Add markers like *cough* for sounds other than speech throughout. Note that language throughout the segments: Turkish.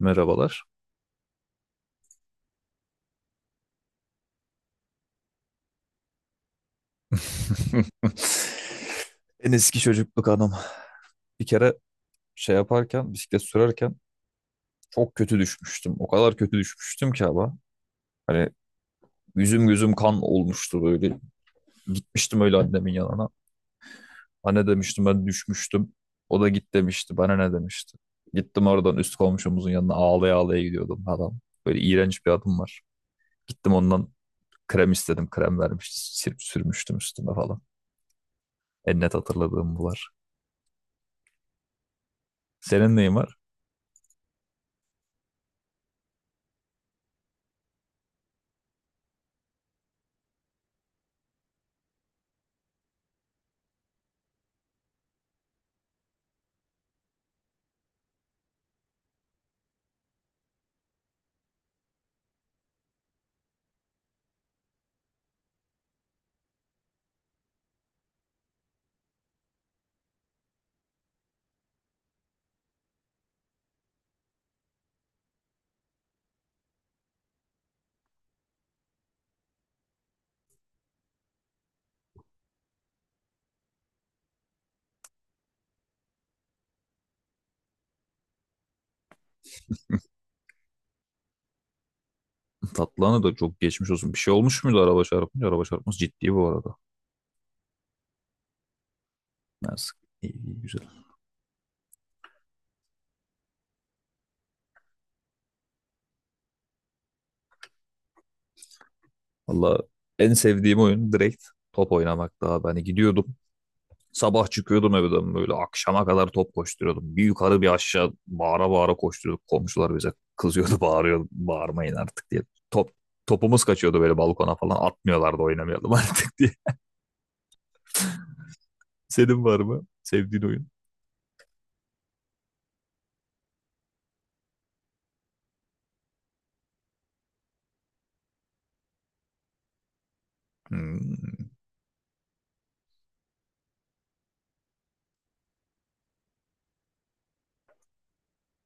Merhabalar. *laughs* En eski çocukluk anım. Bir kere şey yaparken, bisiklet sürerken çok kötü düşmüştüm. O kadar kötü düşmüştüm ki ama. Hani yüzüm gözüm kan olmuştu böyle. Gitmiştim öyle annemin yanına. Anne demiştim, ben düşmüştüm. O da git demişti. Bana ne demişti. Gittim oradan üst komşumuzun yanına, ağlaya ağlaya gidiyordum adam. Böyle iğrenç bir adım var. Gittim ondan krem istedim. Krem vermişti. Sirp sürmüştüm üstüme falan. En net hatırladığım bu var. Senin neyin var? Tatlıhan'a da çok geçmiş olsun. Bir şey olmuş muydu araba çarpınca? Araba çarpması ciddi bu arada. Neyse. İyi, iyi, güzel. Valla en sevdiğim oyun direkt top oynamak daha. Hani gidiyordum. Sabah çıkıyordum evden böyle akşama kadar top koşturuyordum. Bir yukarı bir aşağı bağıra bağıra koşturuyorduk. Komşular bize kızıyordu, *laughs* bağırıyordu. Bağırmayın artık diye. Top, Topumuz kaçıyordu böyle balkona falan. Atmıyorlardı, oynamayalım artık diye. *laughs* Senin var mı sevdiğin oyun? Hmm.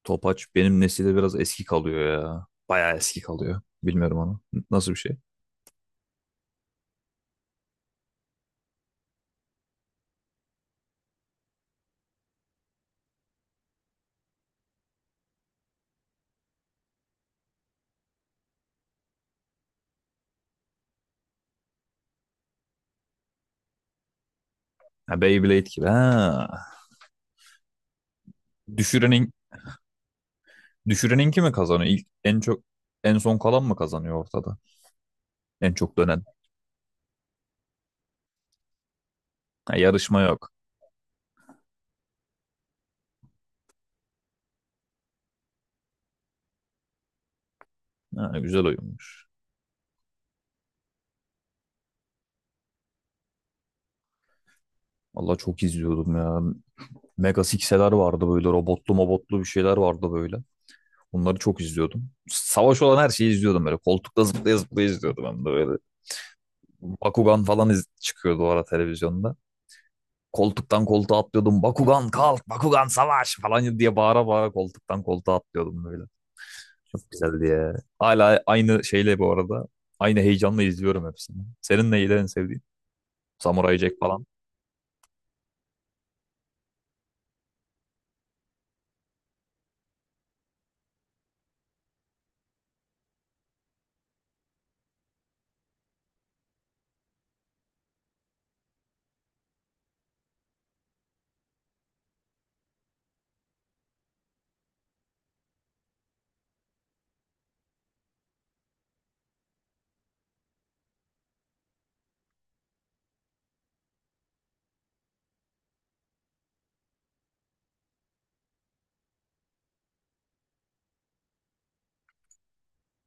Topaç benim nesilde biraz eski kalıyor ya. Bayağı eski kalıyor. Bilmiyorum onu. Nasıl bir şey? Ha, Beyblade gibi. Ha. Düşürenin düşüreninki mi kazanıyor? İlk en çok en son kalan mı kazanıyor ortada? En çok dönen. Ha, yarışma yok. Ha, güzel oyunmuş. Allah çok izliyordum ya. Mega Six'eler vardı böyle, robotlu mobotlu bir şeyler vardı böyle. Bunları çok izliyordum. Savaş olan her şeyi izliyordum böyle. Koltukta zıplaya zıplaya izliyordum hem de böyle. Bakugan falan çıkıyordu o ara televizyonda. Koltuktan koltuğa atlıyordum. Bakugan kalk, Bakugan savaş falan diye bağıra bağıra koltuktan koltuğa atlıyordum böyle. Çok güzeldi ya. Hala aynı şeyle bu arada. Aynı heyecanla izliyorum hepsini. Senin neydi en sevdiğin? Samurai Jack falan.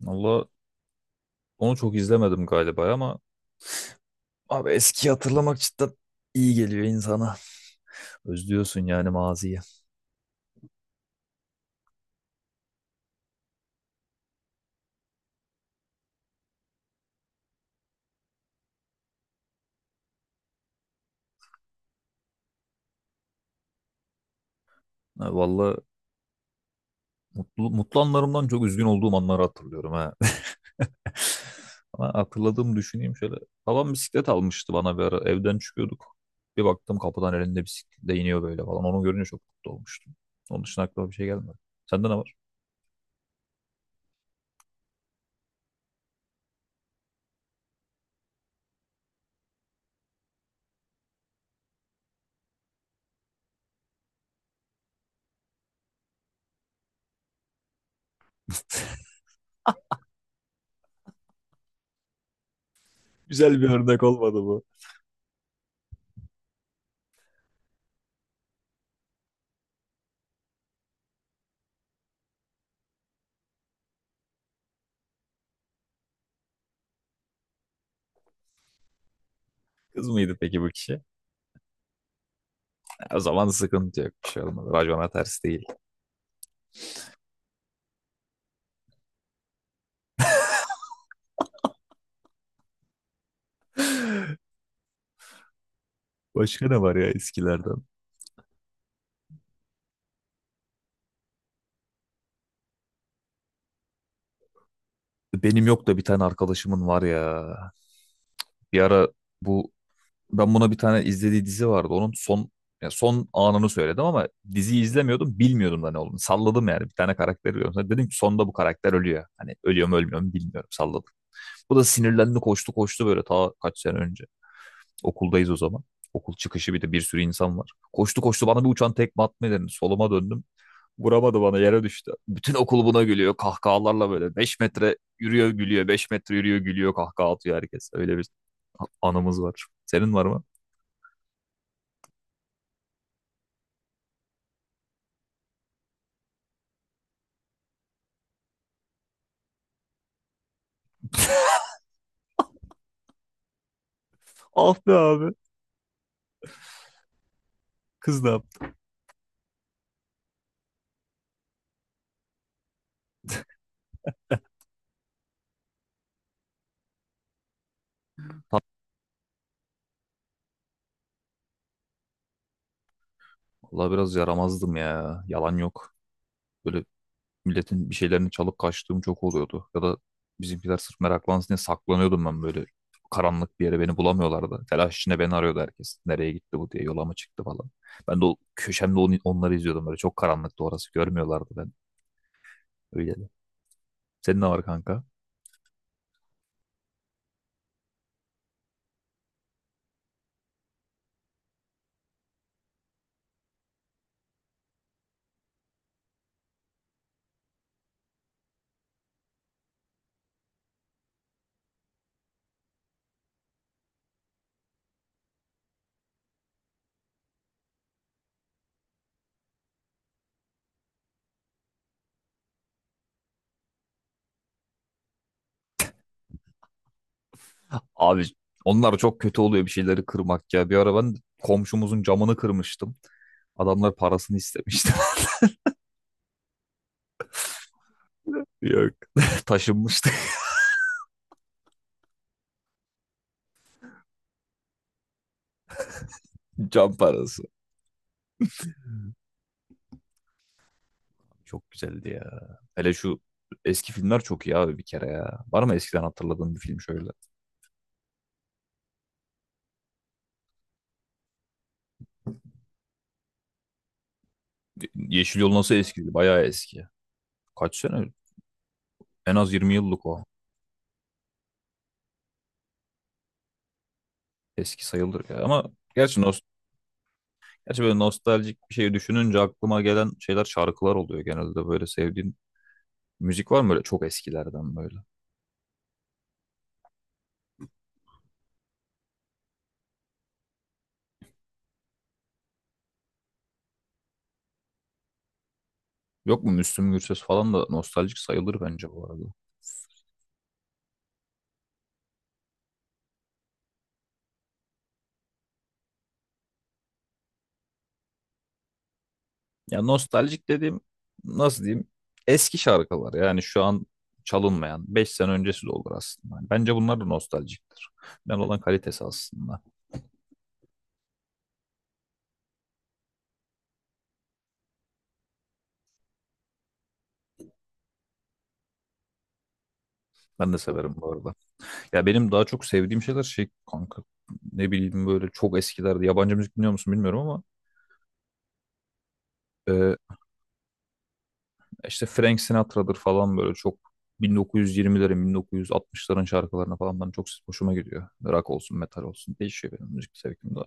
Valla onu çok izlemedim galiba ama abi eskiyi hatırlamak cidden iyi geliyor insana. Özlüyorsun yani maziyi. Ha, vallahi mutlu anlarımdan çok üzgün olduğum anları hatırlıyorum ha. *laughs* Ama hatırladığımı düşüneyim şöyle. Babam bisiklet almıştı bana bir ara. Evden çıkıyorduk. Bir baktım kapıdan elinde bisikletle iniyor böyle falan. Onu görünce çok mutlu olmuştum. Onun dışında aklıma bir şey gelmedi. Sende ne var? Güzel bir örnek olmadı bu. Kız mıydı peki bu kişi? O zaman sıkıntı yok. Bir şey olmadı. Racona ters değil. Başka ne var ya eskilerden? Benim yok da bir tane arkadaşımın var ya. Bir ara bu, ben buna bir tane izlediği dizi vardı. Onun son, ya son anını söyledim ama diziyi izlemiyordum. Bilmiyordum da ne olduğunu. Salladım yani. Bir tane karakter görüyorum. Sonra dedim ki sonda bu karakter ölüyor. Hani ölüyor mu ölmüyor mu bilmiyorum. Salladım. Bu da sinirlendi, koştu koştu böyle, ta kaç sene önce. Okuldayız o zaman. Okul çıkışı bir de bir sürü insan var. Koştu koştu, bana bir uçan tekme atmayı denedi. Soluma döndüm. Vuramadı bana, yere düştü. Bütün okul buna gülüyor kahkahalarla böyle. 5 metre yürüyor gülüyor, 5 metre yürüyor gülüyor, kahkaha atıyor herkes. Öyle bir anımız var. Senin var mı? Ah be abi. Kız ne yaptı? Valla biraz yaramazdım ya. Yalan yok. Böyle milletin bir şeylerini çalıp kaçtığım çok oluyordu. Ya da bizimkiler sırf meraklansın diye saklanıyordum ben böyle. Karanlık bir yere, beni bulamıyorlardı. Telaş içinde beni arıyordu herkes. Nereye gitti bu diye, yola mı çıktı falan. Ben de o köşemde onları izliyordum böyle. Çok karanlıktı orası. Görmüyorlardı ben. Öyle de. Senin ne var kanka? Abi onlar çok kötü oluyor, bir şeyleri kırmak ya. Bir ara ben komşumuzun camını kırmıştım. Adamlar parasını istemişti. *laughs* Yok. *laughs* Taşınmıştı. Can parası. Çok güzeldi ya. Hele şu eski filmler çok iyi abi bir kere ya. Var mı eskiden hatırladığın bir film şöyle? Yeşil Yol nasıl eskidi? Bayağı eski. Kaç sene? En az 20 yıllık o. Eski sayılır ya. Ama gerçi, nost gerçi böyle nostaljik bir şey düşününce aklıma gelen şeyler şarkılar oluyor genelde. Böyle sevdiğin müzik var mı böyle çok eskilerden böyle? Yok mu Müslüm Gürses falan da nostaljik sayılır bence bu arada. Ya nostaljik dediğim nasıl diyeyim? Eski şarkılar yani şu an çalınmayan, 5 sene öncesi de olur aslında. Yani bence bunlar da nostaljiktir. Ben olan kalitesi aslında. Ben de severim bu arada. Ya benim daha çok sevdiğim şeyler şey kanka, ne bileyim böyle çok eskilerde, yabancı müzik dinliyor musun bilmiyorum ama e, işte Frank Sinatra'dır falan böyle, çok 1920'lerin 1960'ların şarkılarına falan ben çok hoşuma gidiyor. Rock olsun metal olsun değişiyor benim müzik zevkim de.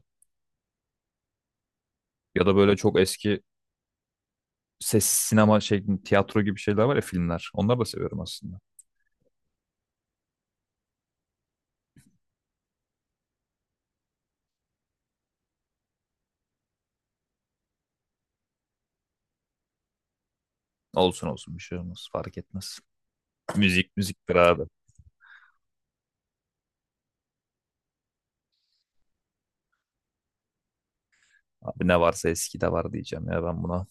Ya da böyle çok eski ses sinema şey tiyatro gibi şeyler var ya, filmler. Onları da seviyorum aslında. Olsun olsun, bir şey olmaz, fark etmez. Müzik müziktir abi. Abi ne varsa eski de var diyeceğim ya ben buna.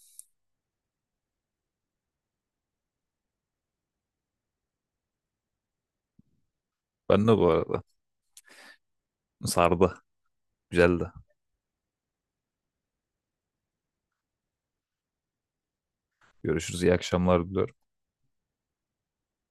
Ben de bu arada sardı. Güzeldi. Görüşürüz. İyi akşamlar diliyorum.